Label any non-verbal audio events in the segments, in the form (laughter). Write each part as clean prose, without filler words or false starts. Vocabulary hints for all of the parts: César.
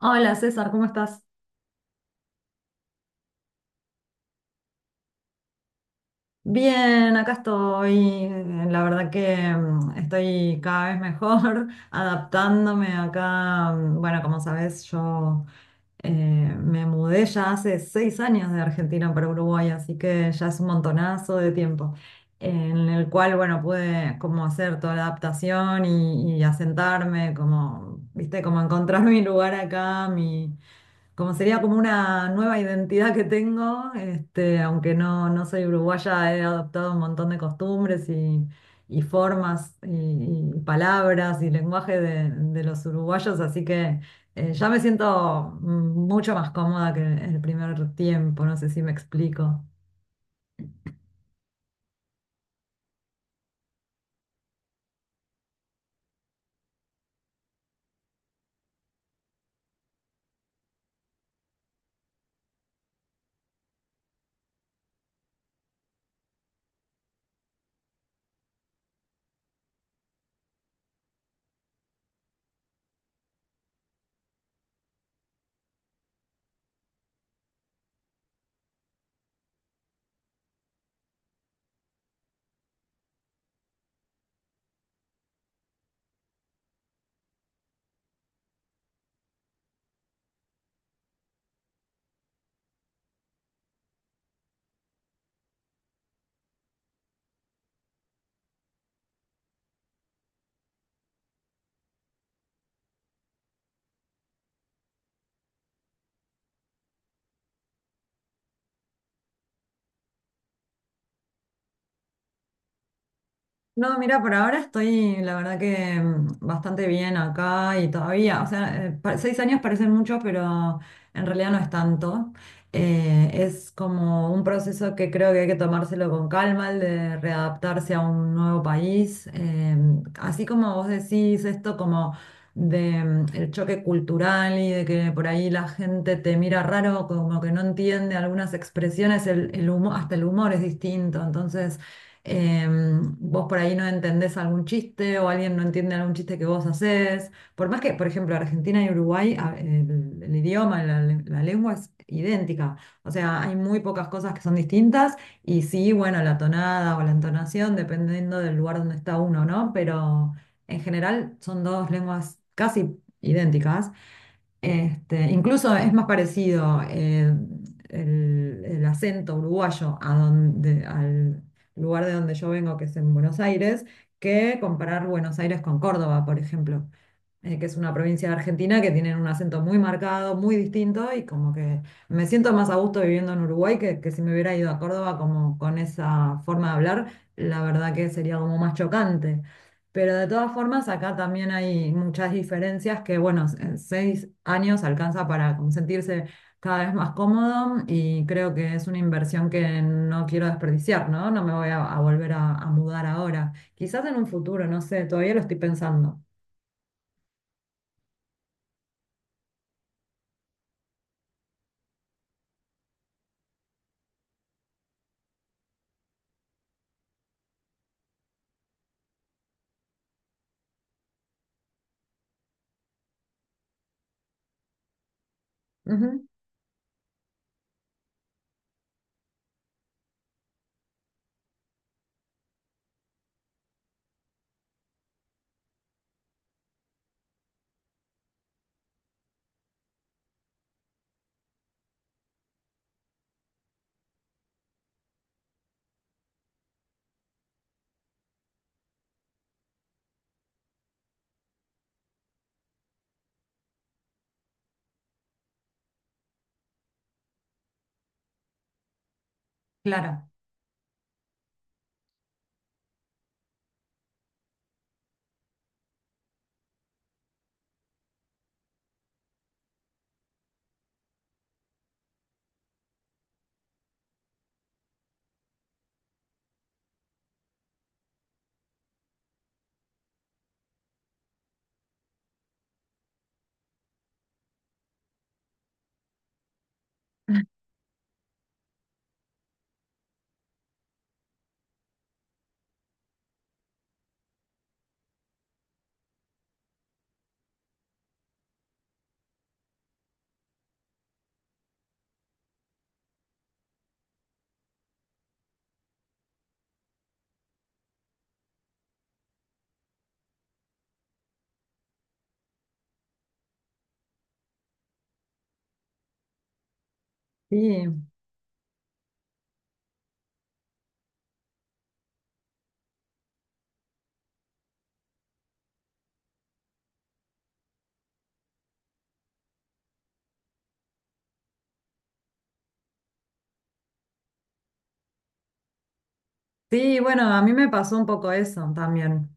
Hola César, ¿cómo estás? Bien, acá estoy. La verdad que estoy cada vez mejor (laughs) adaptándome acá. Bueno, como sabes, yo me mudé ya hace seis años de Argentina para Uruguay, así que ya es un montonazo de tiempo, en el cual, bueno, pude como hacer toda la adaptación y asentarme, como, viste, como encontrar (laughs) mi lugar acá, mi. Como sería como una nueva identidad que tengo, este, aunque no soy uruguaya, he adoptado un montón de costumbres y formas y palabras y lenguaje de los uruguayos, así que ya me siento mucho más cómoda que el primer tiempo, no sé si me explico. No, mira, por ahora estoy, la verdad que bastante bien acá y todavía, o sea, 6 años parecen muchos, pero en realidad no es tanto. Es como un proceso que creo que hay que tomárselo con calma, el de readaptarse a un nuevo país. Así como vos decís esto, como de el choque cultural y de que por ahí la gente te mira raro, como que no entiende algunas expresiones, hasta el humor es distinto, entonces eh, vos por ahí no entendés algún chiste o alguien no entiende algún chiste que vos haces. Por más que, por ejemplo, Argentina y Uruguay, el idioma, la lengua es idéntica. O sea, hay muy pocas cosas que son distintas y sí, bueno, la tonada o la entonación, dependiendo del lugar donde está uno, ¿no? Pero en general son dos lenguas casi idénticas. Este, incluso es más parecido el acento uruguayo a donde, al lugar de donde yo vengo, que es en Buenos Aires, que comparar Buenos Aires con Córdoba, por ejemplo, que es una provincia de Argentina que tienen un acento muy marcado, muy distinto, y como que me siento más a gusto viviendo en Uruguay que si me hubiera ido a Córdoba como con esa forma de hablar, la verdad que sería como más chocante. Pero de todas formas, acá también hay muchas diferencias que, bueno, en 6 años alcanza para como sentirse cada vez más cómodo y creo que es una inversión que no quiero desperdiciar, ¿no? No me voy a volver a mudar ahora. Quizás en un futuro, no sé, todavía lo estoy pensando. Ujú. Claro. Sí, sí, bueno, a mí me pasó un poco eso también.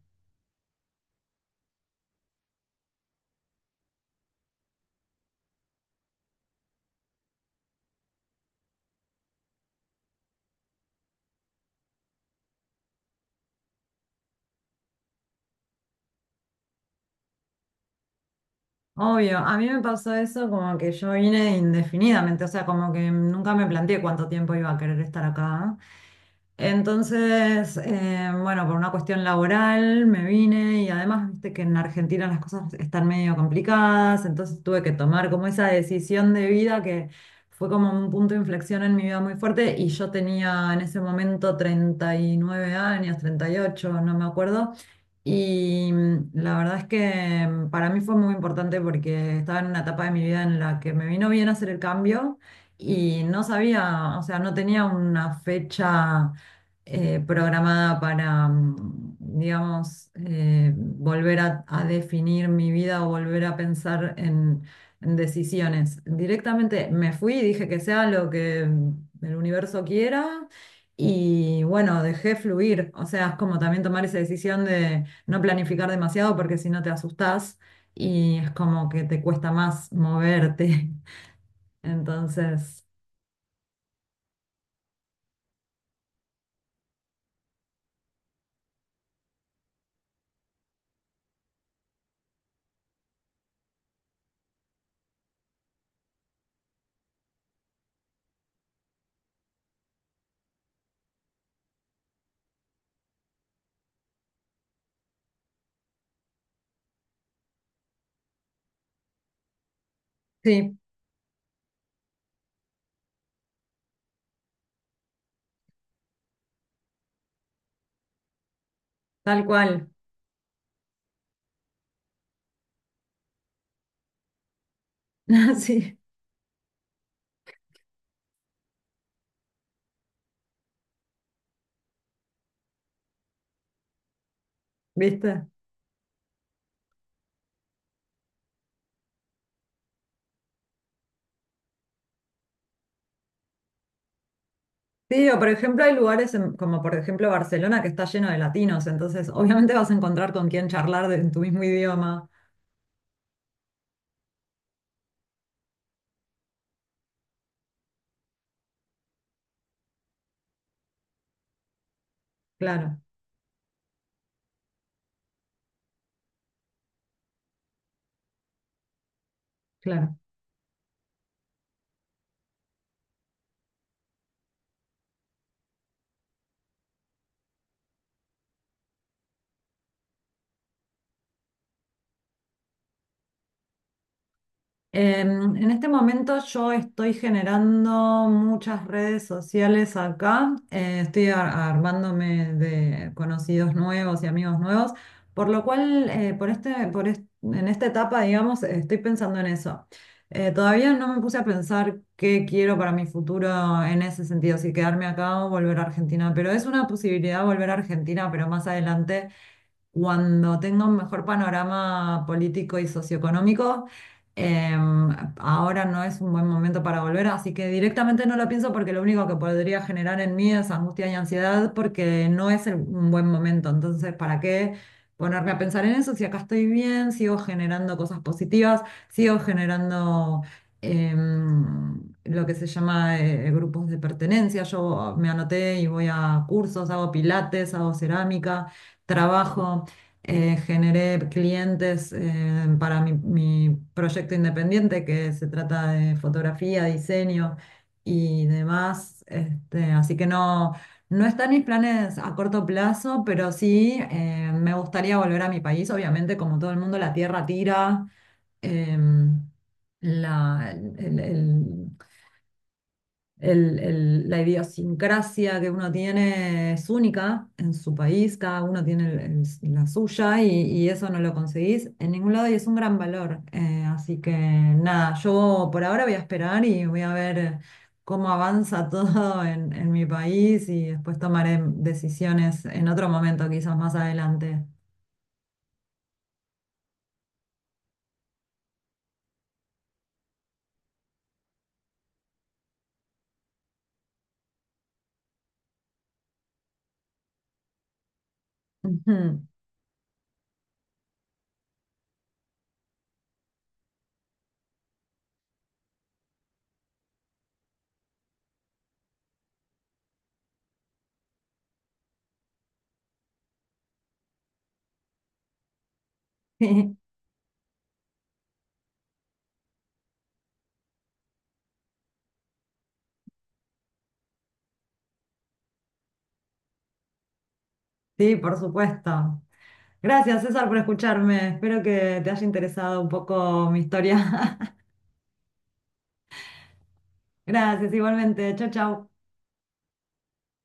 Obvio, a mí me pasó eso como que yo vine indefinidamente, o sea, como que nunca me planteé cuánto tiempo iba a querer estar acá. Entonces, bueno, por una cuestión laboral me vine y además, viste que en Argentina las cosas están medio complicadas, entonces tuve que tomar como esa decisión de vida que fue como un punto de inflexión en mi vida muy fuerte y yo tenía en ese momento 39 años, 38, no me acuerdo. Y la verdad es que para mí fue muy importante porque estaba en una etapa de mi vida en la que me vino bien hacer el cambio y no sabía, o sea, no tenía una fecha programada para, digamos, volver a definir mi vida o volver a pensar en decisiones. Directamente me fui y dije que sea lo que el universo quiera y bueno, dejé fluir. O sea, es como también tomar esa decisión de no planificar demasiado porque si no te asustás y es como que te cuesta más moverte. (laughs) Entonces, sí, tal cual. (laughs) Sí, ¿viste? Sí, o por ejemplo hay lugares como por ejemplo Barcelona que está lleno de latinos, entonces obviamente vas a encontrar con quién charlar en tu mismo idioma. Claro, claro. Em, en este momento yo estoy generando muchas redes sociales acá, estoy armándome de conocidos nuevos y amigos nuevos, por lo cual por este, por est- en esta etapa, digamos, estoy pensando en eso. Todavía no me puse a pensar qué quiero para mi futuro en ese sentido, si quedarme acá o volver a Argentina, pero es una posibilidad volver a Argentina, pero más adelante cuando tenga un mejor panorama político y socioeconómico, em, ahora no es un buen momento para volver, así que directamente no lo pienso porque lo único que podría generar en mí es angustia y ansiedad porque no es un buen momento. Entonces, ¿para qué ponerme a pensar en eso si acá estoy bien, sigo generando cosas positivas, sigo generando... em, lo que se llama grupos de pertenencia. Yo me anoté y voy a cursos, hago pilates, hago cerámica, trabajo, generé clientes para mi proyecto independiente que se trata de fotografía, diseño y demás. Este, así que no, no están mis planes a corto plazo, pero sí me gustaría volver a mi país. Obviamente, como todo el mundo, la tierra tira. Em, la, el, el- el- la idiosincrasia que uno tiene es única en su país, cada uno tiene la suya y eso no lo conseguís en ningún lado y es un gran valor. Así que nada, yo por ahora voy a esperar y voy a ver cómo avanza (laughs) todo en mi país y después tomaré decisiones en otro momento, quizás más adelante. Ujú. (laughs) Sí, sí, por supuesto. Gracias, César, por escucharme. Espero que te haya interesado un poco mi historia. (laughs) Gracias, igualmente. Chao, chao.